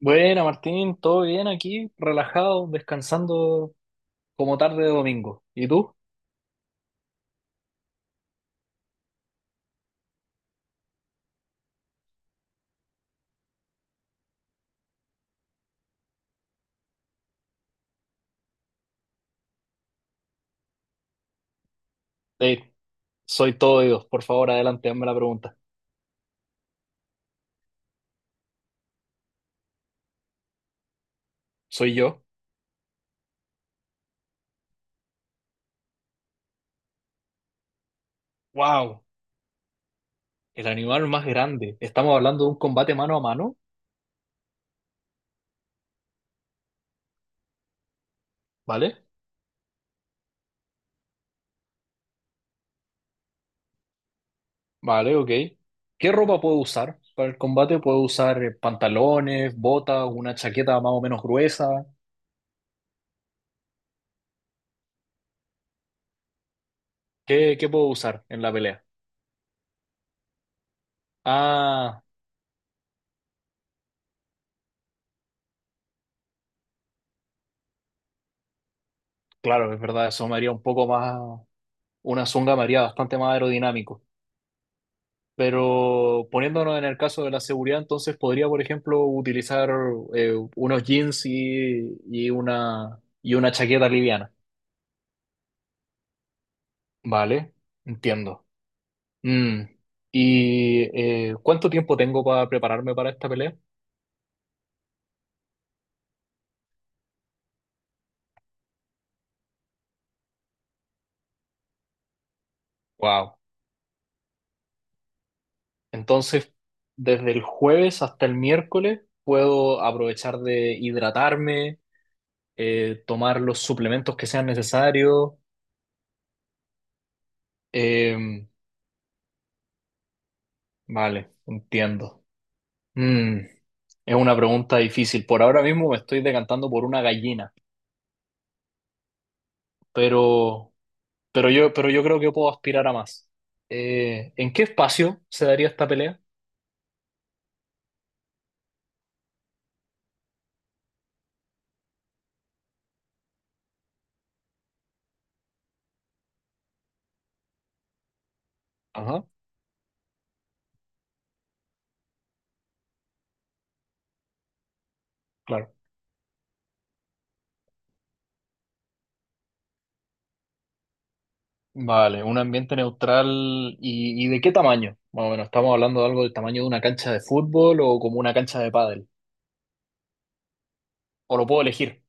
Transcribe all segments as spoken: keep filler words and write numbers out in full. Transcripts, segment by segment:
Bueno, Martín, todo bien aquí, relajado, descansando como tarde de domingo. ¿Y tú? Ey, soy todo oídos. Por favor, adelante, hazme la pregunta. ¿Soy yo? ¡Wow! El animal más grande. Estamos hablando de un combate mano a mano, ¿vale? Vale, ok. ¿Qué ropa puedo usar para el combate? ¿Puedo usar eh, pantalones, botas, una chaqueta más o menos gruesa? ¿Qué, qué puedo usar en la pelea? Ah, claro, es verdad, eso me haría un poco más, una zunga me haría bastante más aerodinámico. Pero poniéndonos en el caso de la seguridad, entonces podría, por ejemplo, utilizar eh, unos jeans y, y una, y una chaqueta liviana. Vale, entiendo. Mm, ¿Y eh, cuánto tiempo tengo para prepararme para esta pelea? Wow. Entonces, desde el jueves hasta el miércoles puedo aprovechar de hidratarme, eh, tomar los suplementos que sean necesarios. Em, vale, entiendo. Mm. Es una pregunta difícil. Por ahora mismo me estoy decantando por una gallina, pero, pero yo, pero yo creo que puedo aspirar a más. Eh, ¿en qué espacio se daría esta pelea? Ajá. Claro. Vale, un ambiente neutral y, y ¿de qué tamaño? Bueno, bueno, estamos hablando de algo del tamaño de una cancha de fútbol o como una cancha de pádel. O lo puedo elegir.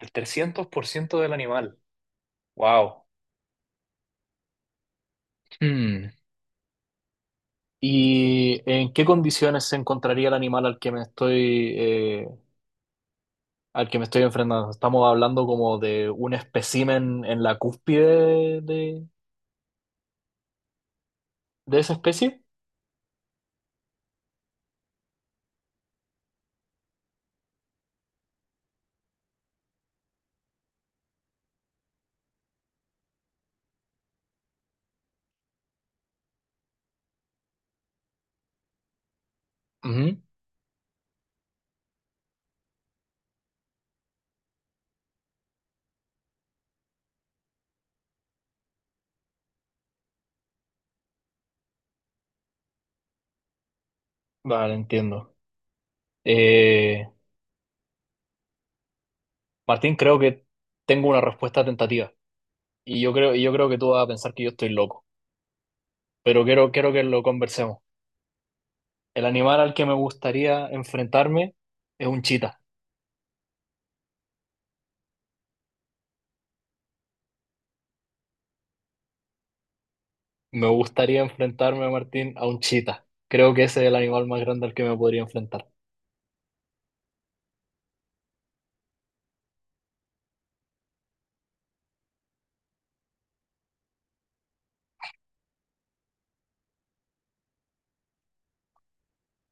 El trescientos por ciento del animal. Wow. Hmm. ¿Y en qué condiciones se encontraría el animal al que me estoy eh, al que me estoy enfrentando? Estamos hablando como de un espécimen en la cúspide de, de esa especie. Ujú. Vale, entiendo. Eh, Martín, creo que tengo una respuesta tentativa. Y yo creo, y yo creo que tú vas a pensar que yo estoy loco. Pero quiero, quiero que lo conversemos. El animal al que me gustaría enfrentarme es un chita. Me gustaría enfrentarme, Martín, a un chita. Creo que ese es el animal más grande al que me podría enfrentar.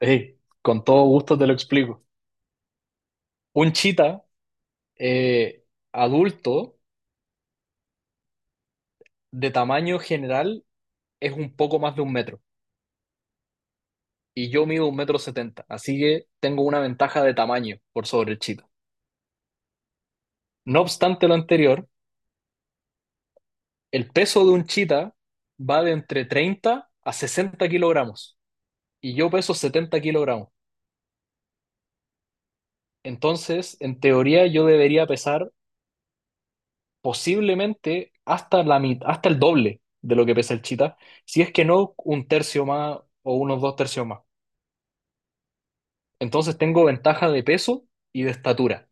Ey, con todo gusto te lo explico. Un chita eh, adulto de tamaño general es un poco más de un metro. Y yo mido un metro setenta, así que tengo una ventaja de tamaño por sobre el chita. No obstante lo anterior, el peso de un chita va de entre treinta a sesenta kilogramos y yo peso setenta kilogramos. Entonces, en teoría, yo debería pesar posiblemente hasta la mit- hasta el doble de lo que pesa el chita, si es que no un tercio más o unos dos tercios más. Entonces tengo ventaja de peso y de estatura.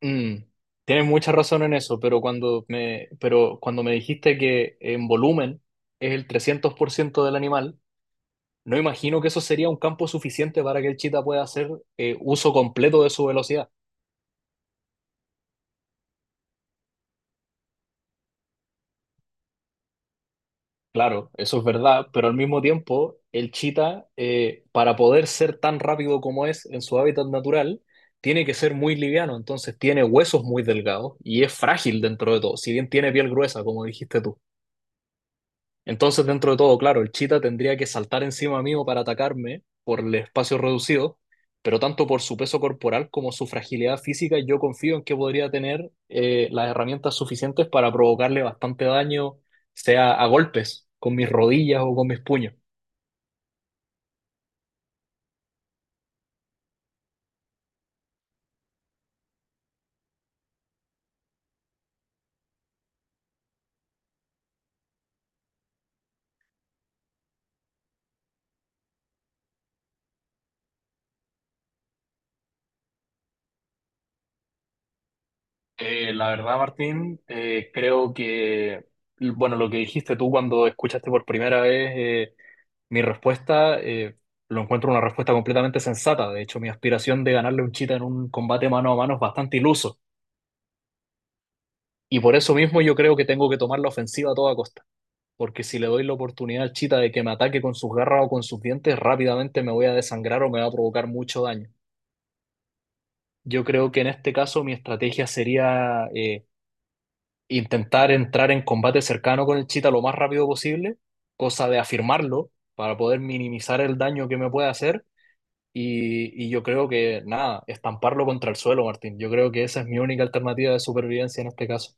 Mm, tienes mucha razón en eso, pero cuando me, pero cuando me dijiste que en volumen es el trescientos por ciento del animal, no imagino que eso sería un campo suficiente para que el chita pueda hacer eh, uso completo de su velocidad. Claro, eso es verdad, pero al mismo tiempo, el chita, eh, para poder ser tan rápido como es en su hábitat natural, tiene que ser muy liviano, entonces tiene huesos muy delgados y es frágil dentro de todo, si bien tiene piel gruesa, como dijiste tú. Entonces, dentro de todo, claro, el Cheetah tendría que saltar encima mío para atacarme por el espacio reducido, pero tanto por su peso corporal como su fragilidad física, yo confío en que podría tener eh, las herramientas suficientes para provocarle bastante daño, sea a golpes, con mis rodillas o con mis puños. Eh, la verdad, Martín, eh, creo que, bueno, lo que dijiste tú cuando escuchaste por primera vez eh, Mi respuesta, eh, lo encuentro una respuesta completamente sensata. De hecho, mi aspiración de ganarle un chita en un combate mano a mano es bastante iluso. Y por eso mismo yo creo que tengo que tomar la ofensiva a toda costa. Porque si le doy la oportunidad al chita de que me ataque con sus garras o con sus dientes, rápidamente me voy a desangrar o me va a provocar mucho daño. Yo creo que en este caso mi estrategia sería eh, intentar entrar en combate cercano con el chita lo más rápido posible, cosa de afirmarlo para poder minimizar el daño que me puede hacer. Y, y yo creo que, nada, estamparlo contra el suelo, Martín. Yo creo que esa es mi única alternativa de supervivencia en este caso.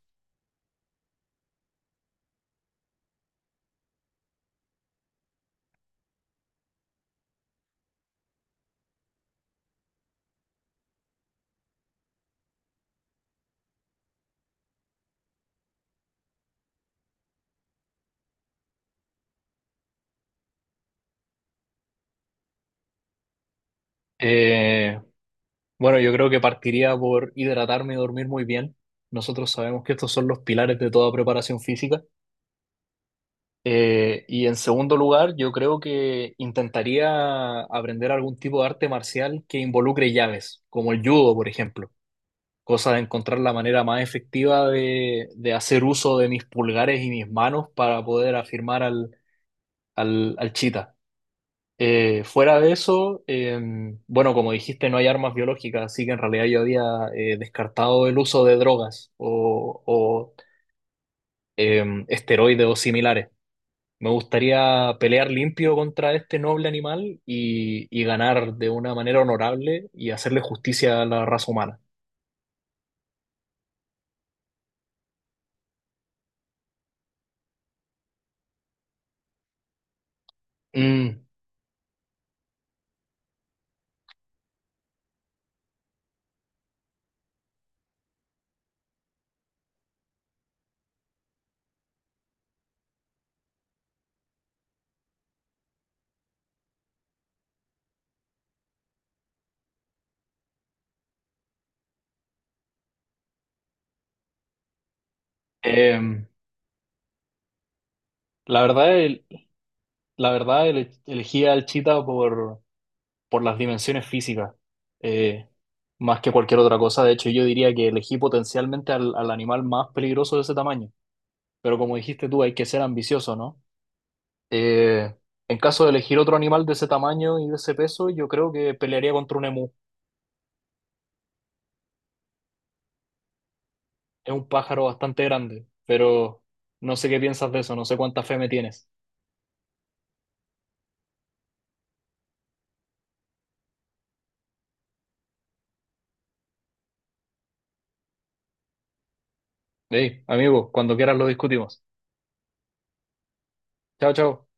Eh, bueno, yo creo que partiría por hidratarme y dormir muy bien. Nosotros sabemos que estos son los pilares de toda preparación física. Eh, y en segundo lugar, yo creo que intentaría aprender algún tipo de arte marcial que involucre llaves, como el judo, por ejemplo. Cosa de encontrar la manera más efectiva de, de hacer uso de mis pulgares y mis manos para poder afirmar al al, al chita. Eh, fuera de eso, eh, bueno, como dijiste, no hay armas biológicas, así que en realidad yo había eh, descartado el uso de drogas o, o, eh, esteroides o similares. Me gustaría pelear limpio contra este noble animal y, y ganar de una manera honorable y hacerle justicia a la raza humana. Mm, eh, la verdad, el- la verdad el- elegí al chita por, por las dimensiones físicas, eh, más que cualquier otra cosa. De hecho, yo diría que elegí potencialmente al, al animal más peligroso de ese tamaño. Pero como dijiste tú, hay que ser ambicioso, ¿no? Eh, en caso de elegir otro animal de ese tamaño y de ese peso, yo creo que pelearía contra un emú. Es un pájaro bastante grande, pero no sé qué piensas de eso, no sé cuánta fe me tienes. Hey, amigo, cuando quieras lo discutimos. Chao, chao.